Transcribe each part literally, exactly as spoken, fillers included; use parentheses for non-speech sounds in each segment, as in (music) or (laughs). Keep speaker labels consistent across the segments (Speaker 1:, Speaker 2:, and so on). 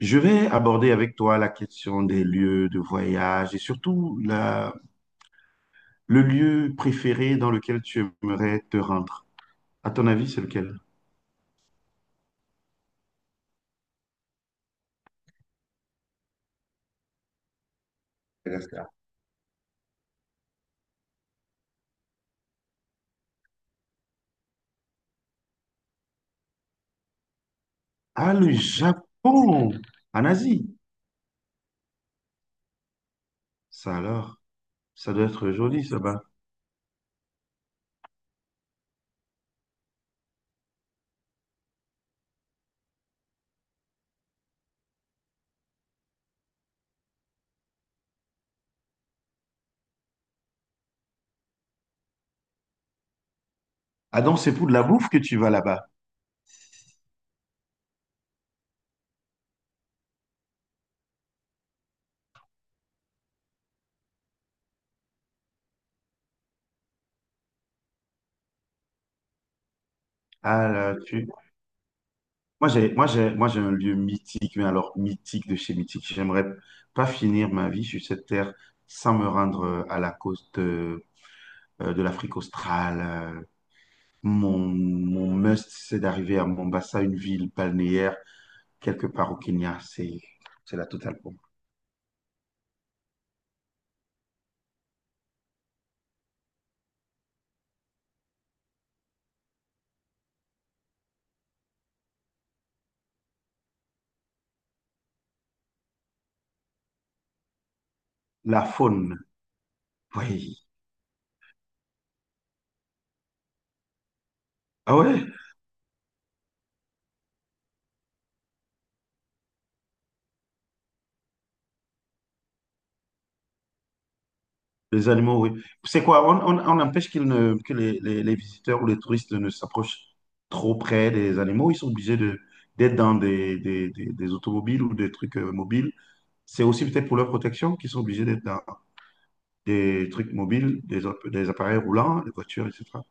Speaker 1: Je vais aborder avec toi la question des lieux de voyage et surtout la- le lieu préféré dans lequel tu aimerais te rendre. À ton avis, c'est lequel? Madagascar. Ah, le Japon, en Asie. Ça alors, ça doit être joli, ça bas. Ah donc, c'est pour de la bouffe que tu vas là-bas. Ah là, tu... Moi, j'ai, moi, j'ai, moi, j'ai un lieu mythique, mais alors mythique de chez mythique. J'aimerais pas finir ma vie sur cette terre sans me rendre euh, à la côte euh, euh, de l'Afrique australe, euh, Mon, mon must, c'est d'arriver à Mombasa, une ville balnéaire, quelque part au Kenya. C'est, c'est la totale pour moi. La faune, oui. Ah ouais, les animaux, oui. C'est quoi? On, on- on empêche qu'ils ne, que les, les- les visiteurs ou les touristes ne s'approchent trop près des animaux. Ils sont obligés de, d'être dans des, des, des- des automobiles ou des trucs euh, mobiles. C'est aussi peut-être pour leur protection qu'ils sont obligés d'être dans des trucs mobiles, des, app- des appareils roulants, des voitures, et cætera.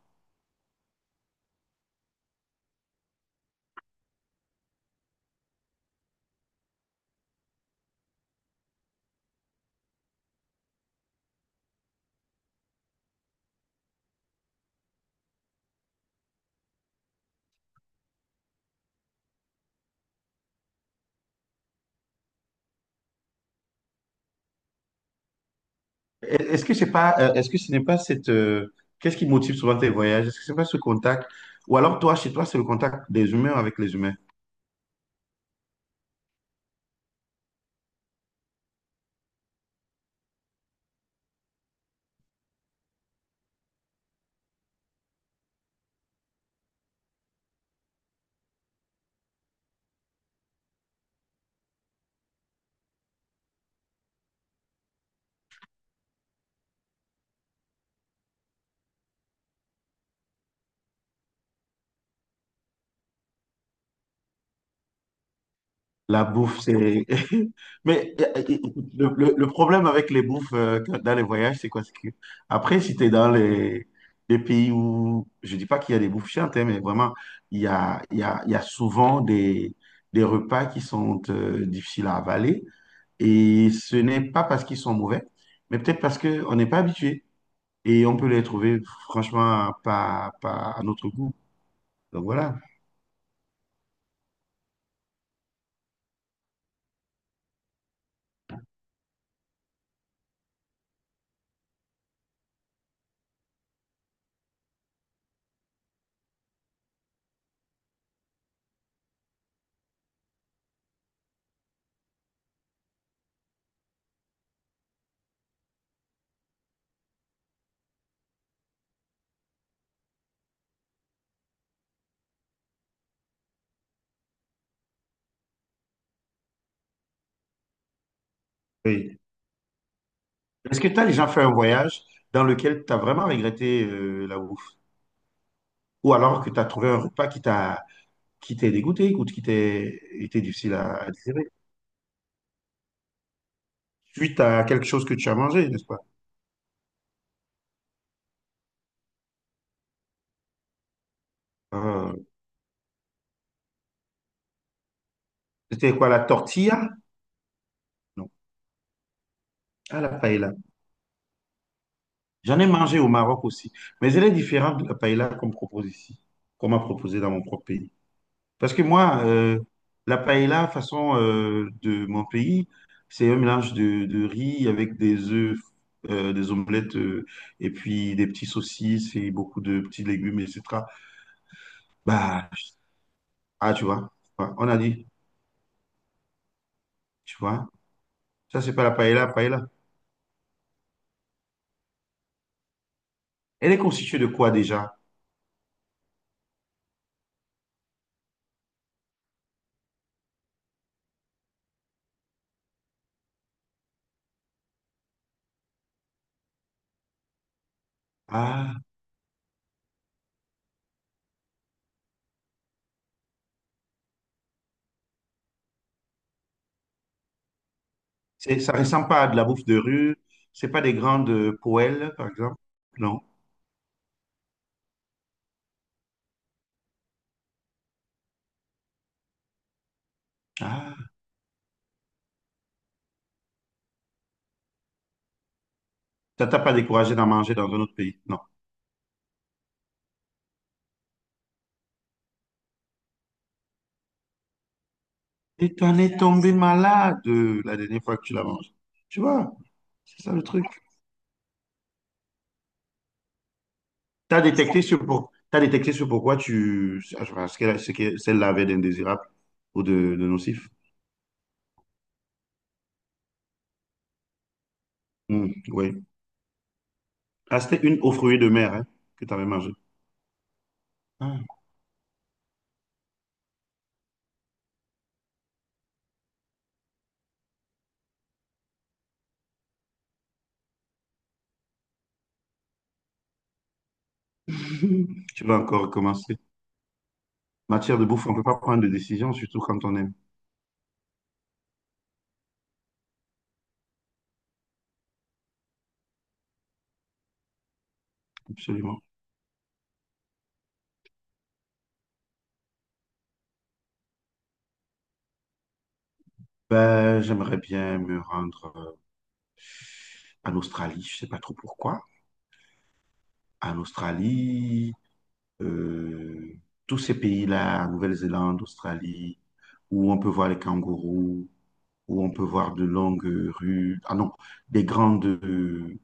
Speaker 1: Est- Est-ce que c'est pas, euh, est-ce que ce n'est pas cette, euh, qu'est-ce qui motive souvent tes voyages? Est-ce que c'est pas ce contact? Ou alors toi, chez toi, c'est le contact des humains avec les humains? La bouffe, c'est... (laughs) Mais euh, euh, le, le- le problème avec les bouffes euh, quand- dans les voyages, c'est quoi? C'est que après, si tu es dans les, les pays où... Je dis pas qu'il y a des bouffes chiantes, hein, mais vraiment, il y a, il y a, il y a souvent des, des repas qui sont euh, difficiles à avaler. Et ce n'est pas parce qu'ils sont mauvais, mais peut-être parce qu'on n'est pas habitué. Et on peut les trouver, franchement, pas, pas à notre goût. Donc voilà. Est-ce que tu as déjà fait un voyage dans lequel tu as vraiment regretté euh, la bouffe? Ou alors que tu as trouvé un repas qui t'a qui t'est dégoûté ou qui t'est été difficile à, à digérer? Suite à quelque chose que tu as mangé, n'est-ce pas? Euh, c'était quoi, la tortilla? Non, ah, la paella. J'en ai mangé au Maroc aussi, mais elle est différente de la paella qu'on me propose ici, qu'on m'a proposé dans mon propre pays. Parce que moi, euh, la paella, façon euh, de mon pays, c'est un mélange de, de riz avec des œufs, euh, des omelettes, euh, et puis des petits saucisses et beaucoup de petits légumes, et cætera. Bah, ah, tu vois, tu vois, on a dit, tu vois, ça, c'est pas la paella, paella. Elle est constituée de quoi déjà? Ah, c'est, ça ressemble pas à de la bouffe de rue, c'est pas des grandes euh, poêles, par exemple, non. Ah, ça t'a pas découragé d'en manger dans un autre pays, non. Et tu en es tombé malade euh, la dernière fois que tu l'as mangé. Tu vois, c'est ça le truc. Tu as détecté ce pour... T'as détecté ce pourquoi tu... ce qu'elle- ce que celle-là avait d'indésirable ou de, de nocif. Hmm, oui. Ah, c'était une aux fruits de mer hein, que tu avais mangée. Ah. (laughs) Tu vas encore recommencer. Matière de bouffe, on ne peut pas prendre de décision, surtout quand on aime. Absolument. Ben, j'aimerais bien me rendre euh, en Australie. Je ne sais pas trop pourquoi. En Australie, euh, tous ces pays-là, Nouvelle-Zélande, Australie, où on peut voir les kangourous, où on peut voir de longues euh, rues, ah non, des grandes, euh,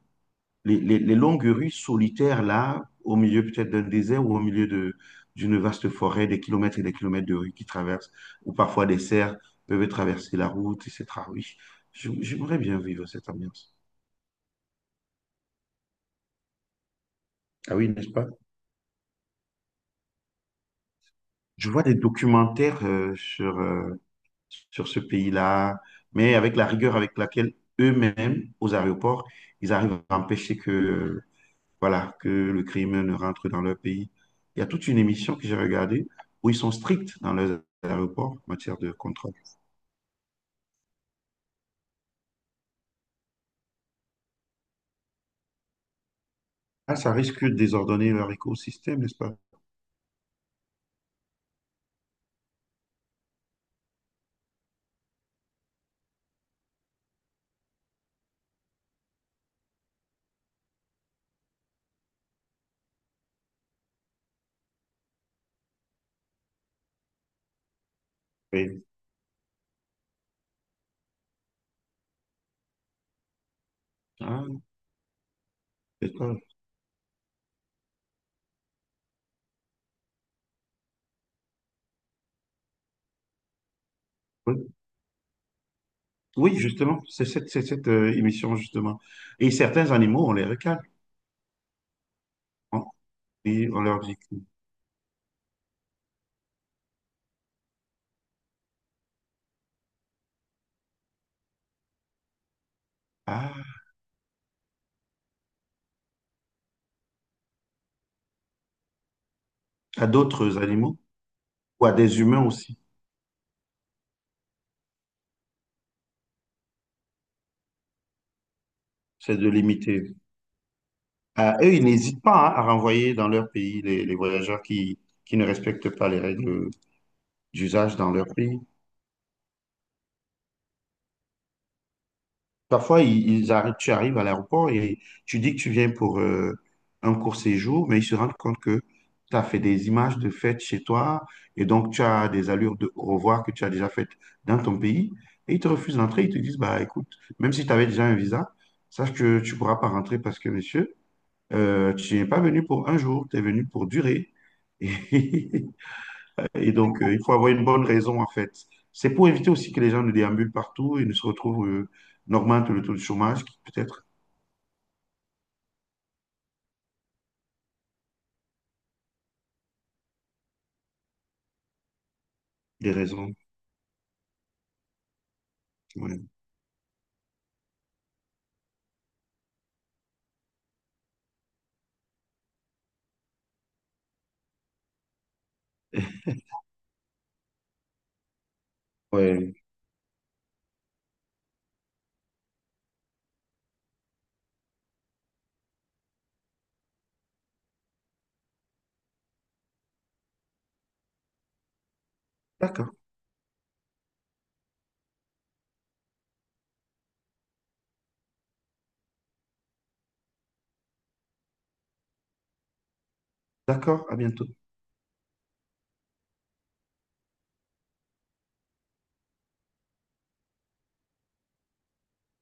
Speaker 1: les, les- les longues rues solitaires là, au milieu peut-être d'un désert ou au milieu de, d'une vaste forêt, des kilomètres et des kilomètres de rues qui traversent, ou parfois des cerfs peuvent traverser la route, et cætera. Oui, j- j'aimerais bien vivre cette ambiance. Ah oui, n'est-ce pas? Je vois des documentaires euh, sur, euh, sur ce pays-là, mais avec la rigueur avec laquelle eux-mêmes, aux aéroports, ils arrivent à empêcher que, euh, voilà, que le crime ne rentre dans leur pays. Il y a toute une émission que j'ai regardée où ils sont stricts dans leurs aéroports en matière de contrôle. Ah, ça risque de désordonner leur écosystème, n'est-ce pas? Oui. Ah, d'accord. Oui, justement, c'est cette, c'est cette euh, émission, justement. Et certains animaux, on les recale. Hein, et on leur dit que- ah, à d'autres animaux ou à des humains aussi, c'est de limiter. Ah, eux, ils n'hésitent pas hein, à renvoyer dans leur pays les, les voyageurs qui, qui ne respectent pas les règles d'usage dans leur pays. Parfois, ils, ils arrivent- tu arrives à l'aéroport et tu dis que tu viens pour euh, un court séjour, mais ils se rendent compte que tu as fait des images de fête chez toi et donc tu as des allures de au revoir que tu as déjà faites dans ton pays et ils te refusent d'entrer. Ils te disent, bah écoute, même si tu avais déjà un visa, sache que tu ne pourras pas rentrer parce que, monsieur, euh, tu n'es pas venu pour un jour, tu es venu pour durer. (laughs) Et donc, euh, il faut avoir une bonne raison, en fait. C'est pour éviter aussi que les gens ne déambulent partout et ne se retrouvent, euh, n'augmentent le taux de chômage, qui peut être des raisons. Ouais. Ouais. D'accord, d'accord, à bientôt.